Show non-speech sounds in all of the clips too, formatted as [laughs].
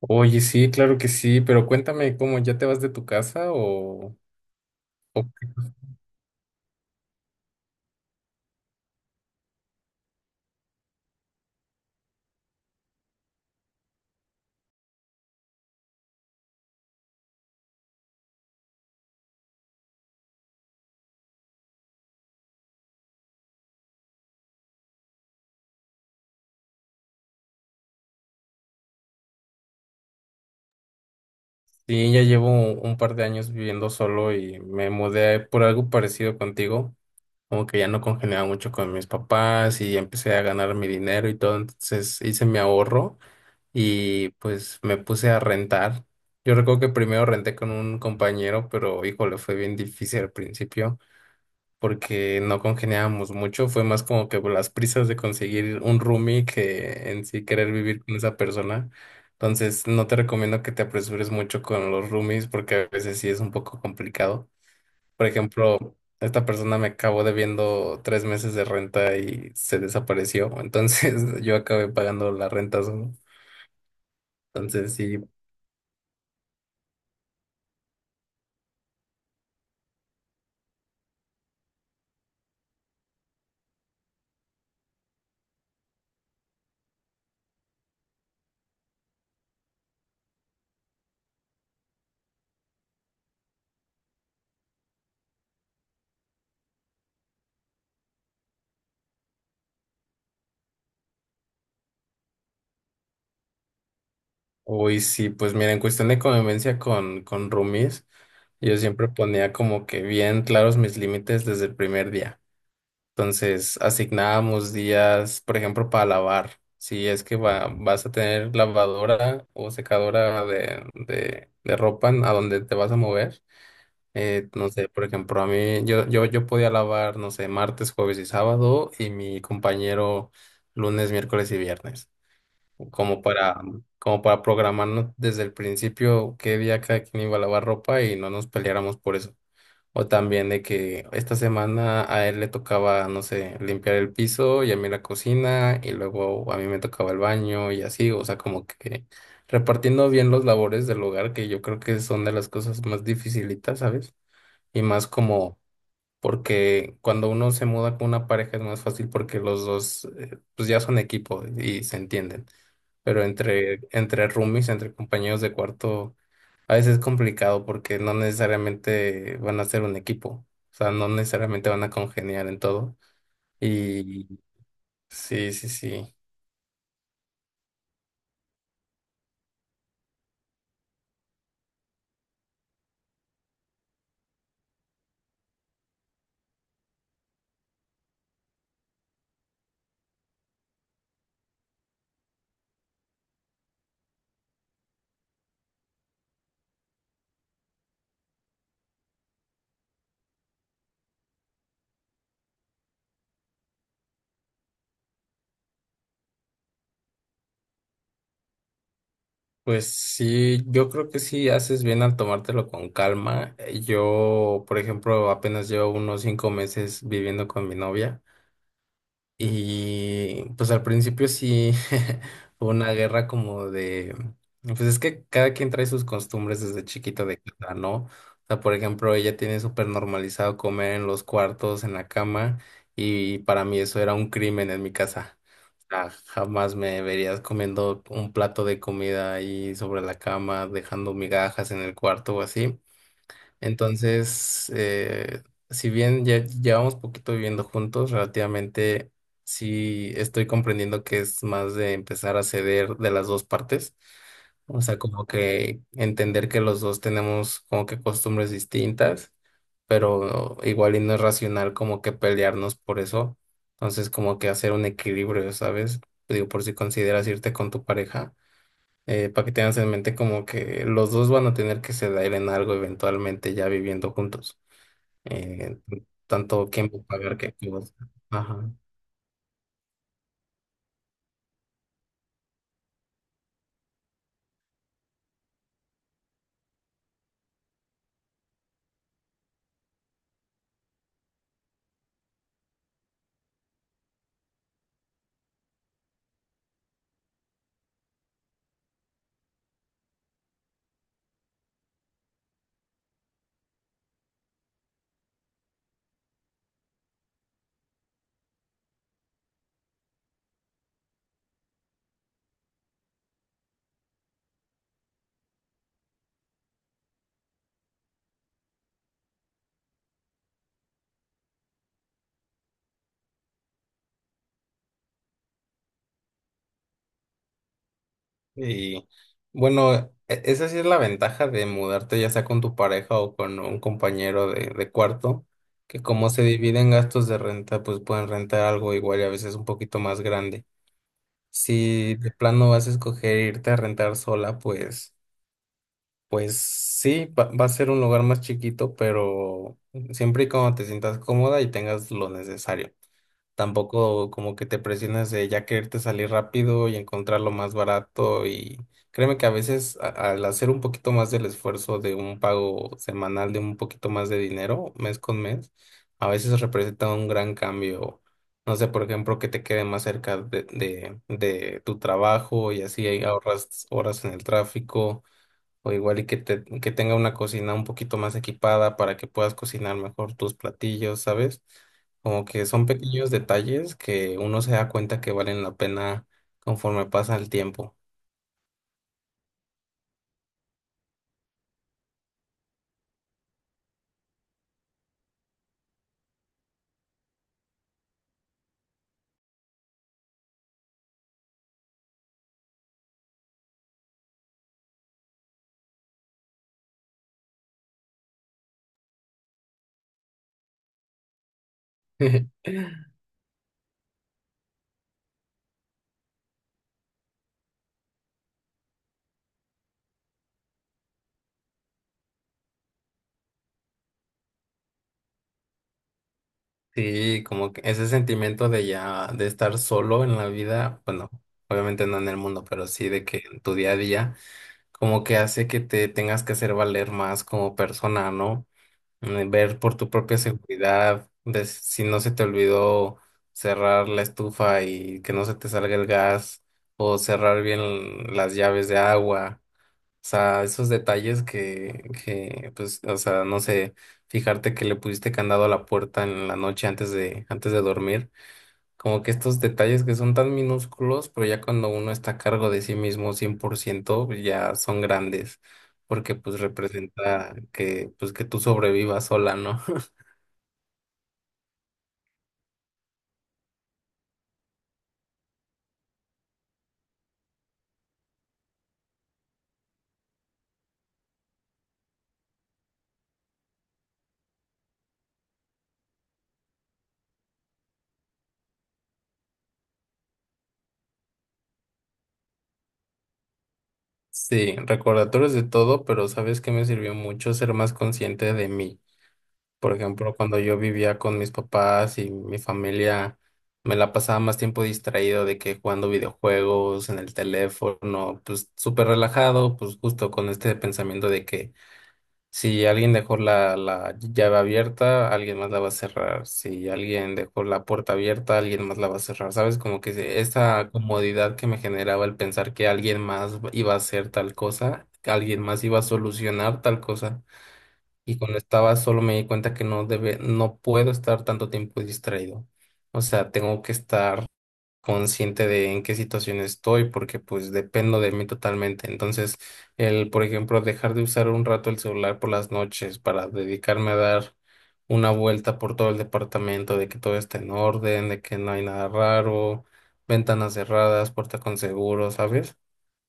Oye, sí, claro que sí, pero cuéntame cómo, ¿ya te vas de tu casa o sí? Ya llevo un par de años viviendo solo y me mudé por algo parecido contigo, como que ya no congeniaba mucho con mis papás y empecé a ganar mi dinero y todo, entonces hice mi ahorro y pues me puse a rentar. Yo recuerdo que primero renté con un compañero, pero híjole, fue bien difícil al principio, porque no congeniábamos mucho, fue más como que por las prisas de conseguir un roomie que en sí querer vivir con esa persona. Entonces, no te recomiendo que te apresures mucho con los roomies porque a veces sí es un poco complicado. Por ejemplo, esta persona me acabó debiendo 3 meses de renta y se desapareció, entonces [laughs] yo acabé pagando la renta solo. Entonces, sí, hoy sí, pues mira, en cuestión de convivencia con roomies. Yo siempre ponía como que bien claros mis límites desde el primer día. Entonces, asignábamos días, por ejemplo, para lavar. Si es que vas a tener lavadora o secadora de ropa a donde te vas a mover. No sé, por ejemplo, a mí, yo podía lavar, no sé, martes, jueves y sábado, y mi compañero lunes, miércoles y viernes. Como para, como para programarnos desde el principio qué día cada quien iba a lavar ropa y no nos peleáramos por eso. O también de que esta semana a él le tocaba, no sé, limpiar el piso y a mí la cocina y luego a mí me tocaba el baño y así, o sea, como que repartiendo bien los labores del hogar, que yo creo que son de las cosas más dificilitas, ¿sabes? Y más como porque cuando uno se muda con una pareja es más fácil porque los dos pues ya son equipo y se entienden. Pero entre roomies, entre compañeros de cuarto, a veces es complicado porque no necesariamente van a ser un equipo. O sea, no necesariamente van a congeniar en todo. Y sí, sí, sí. Pues sí, yo creo que sí haces bien al tomártelo con calma. Yo, por ejemplo, apenas llevo unos 5 meses viviendo con mi novia. Y pues al principio sí [laughs] fue una guerra como de, pues es que cada quien trae sus costumbres desde chiquito de casa, ¿no? O sea, por ejemplo, ella tiene súper normalizado comer en los cuartos, en la cama, y para mí eso era un crimen en mi casa. O sea, jamás me verías comiendo un plato de comida ahí sobre la cama, dejando migajas en el cuarto o así. Entonces, si bien ya llevamos poquito viviendo juntos, relativamente sí estoy comprendiendo que es más de empezar a ceder de las dos partes. O sea, como que entender que los dos tenemos como que costumbres distintas, pero igual y no es racional como que pelearnos por eso. Entonces, como que hacer un equilibrio, ¿sabes? Digo, por si consideras irte con tu pareja para que tengas en mente como que los dos van a tener que ceder en algo eventualmente ya viviendo juntos. Eh, Tanto quién va a pagar qué cosa. Ajá. Y bueno, esa sí es la ventaja de mudarte ya sea con tu pareja o con un compañero de cuarto, que como se dividen gastos de renta, pues pueden rentar algo igual y a veces un poquito más grande. Si de plano vas a escoger irte a rentar sola, pues... Pues sí, va a ser un lugar más chiquito, pero siempre y cuando te sientas cómoda y tengas lo necesario. Tampoco como que te presiones de ya quererte salir rápido y encontrar lo más barato y créeme que a veces al hacer un poquito más del esfuerzo de un pago semanal de un poquito más de dinero mes con mes, a veces representa un gran cambio. No sé, por ejemplo, que te quede más cerca de tu trabajo y así ahorras horas en el tráfico o igual y que tenga una cocina un poquito más equipada para que puedas cocinar mejor tus platillos, ¿sabes? Como que son pequeños detalles que uno se da cuenta que valen la pena conforme pasa el tiempo. [laughs] Sí, como que ese sentimiento de ya, de estar solo en la vida, bueno, obviamente no en el mundo, pero sí de que en tu día a día, como que hace que te tengas que hacer valer más como persona, ¿no? Ver por tu propia seguridad, de si no se te olvidó cerrar la estufa y que no se te salga el gas, o cerrar bien las llaves de agua. O sea, esos detalles pues, o sea, no sé, fijarte que le pusiste candado a la puerta en la noche antes de dormir. Como que estos detalles que son tan minúsculos, pero ya cuando uno está a cargo de sí mismo 100%, ya son grandes porque pues representa que pues que tú sobrevivas sola, ¿no? Sí, recordatorios de todo, pero ¿sabes que me sirvió mucho? Ser más consciente de mí. Por ejemplo, cuando yo vivía con mis papás y mi familia, me la pasaba más tiempo distraído de que jugando videojuegos en el teléfono, pues súper relajado, pues justo con este pensamiento de que si alguien dejó la llave abierta, alguien más la va a cerrar. Si alguien dejó la puerta abierta, alguien más la va a cerrar. ¿Sabes? Como que esa comodidad que me generaba el pensar que alguien más iba a hacer tal cosa, que alguien más iba a solucionar tal cosa. Y cuando estaba solo me di cuenta que no debe, no puedo estar tanto tiempo distraído. O sea, tengo que estar consciente de en qué situación estoy porque pues dependo de mí totalmente. Entonces, por ejemplo, dejar de usar un rato el celular por las noches para dedicarme a dar una vuelta por todo el departamento, de que todo está en orden, de que no hay nada raro, ventanas cerradas, puerta con seguro, ¿sabes?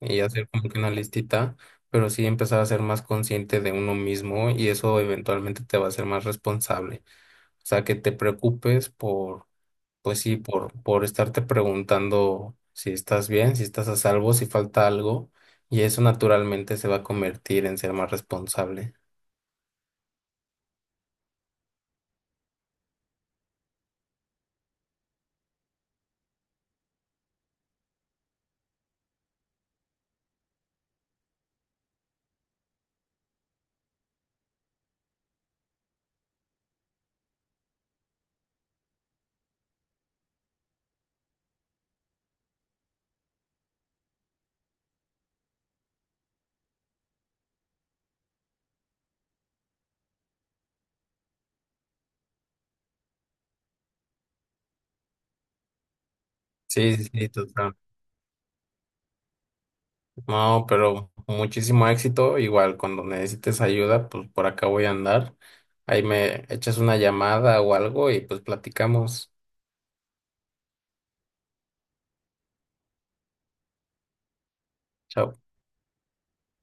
Y hacer como que una listita, pero sí empezar a ser más consciente de uno mismo y eso eventualmente te va a hacer más responsable. O sea, que te preocupes pues sí, por estarte preguntando si estás bien, si estás a salvo, si falta algo, y eso naturalmente se va a convertir en ser más responsable. Sí, sí, sí, total. No, pero muchísimo éxito. Igual, cuando necesites ayuda, pues por acá voy a andar. Ahí me echas una llamada o algo y pues platicamos. Chao.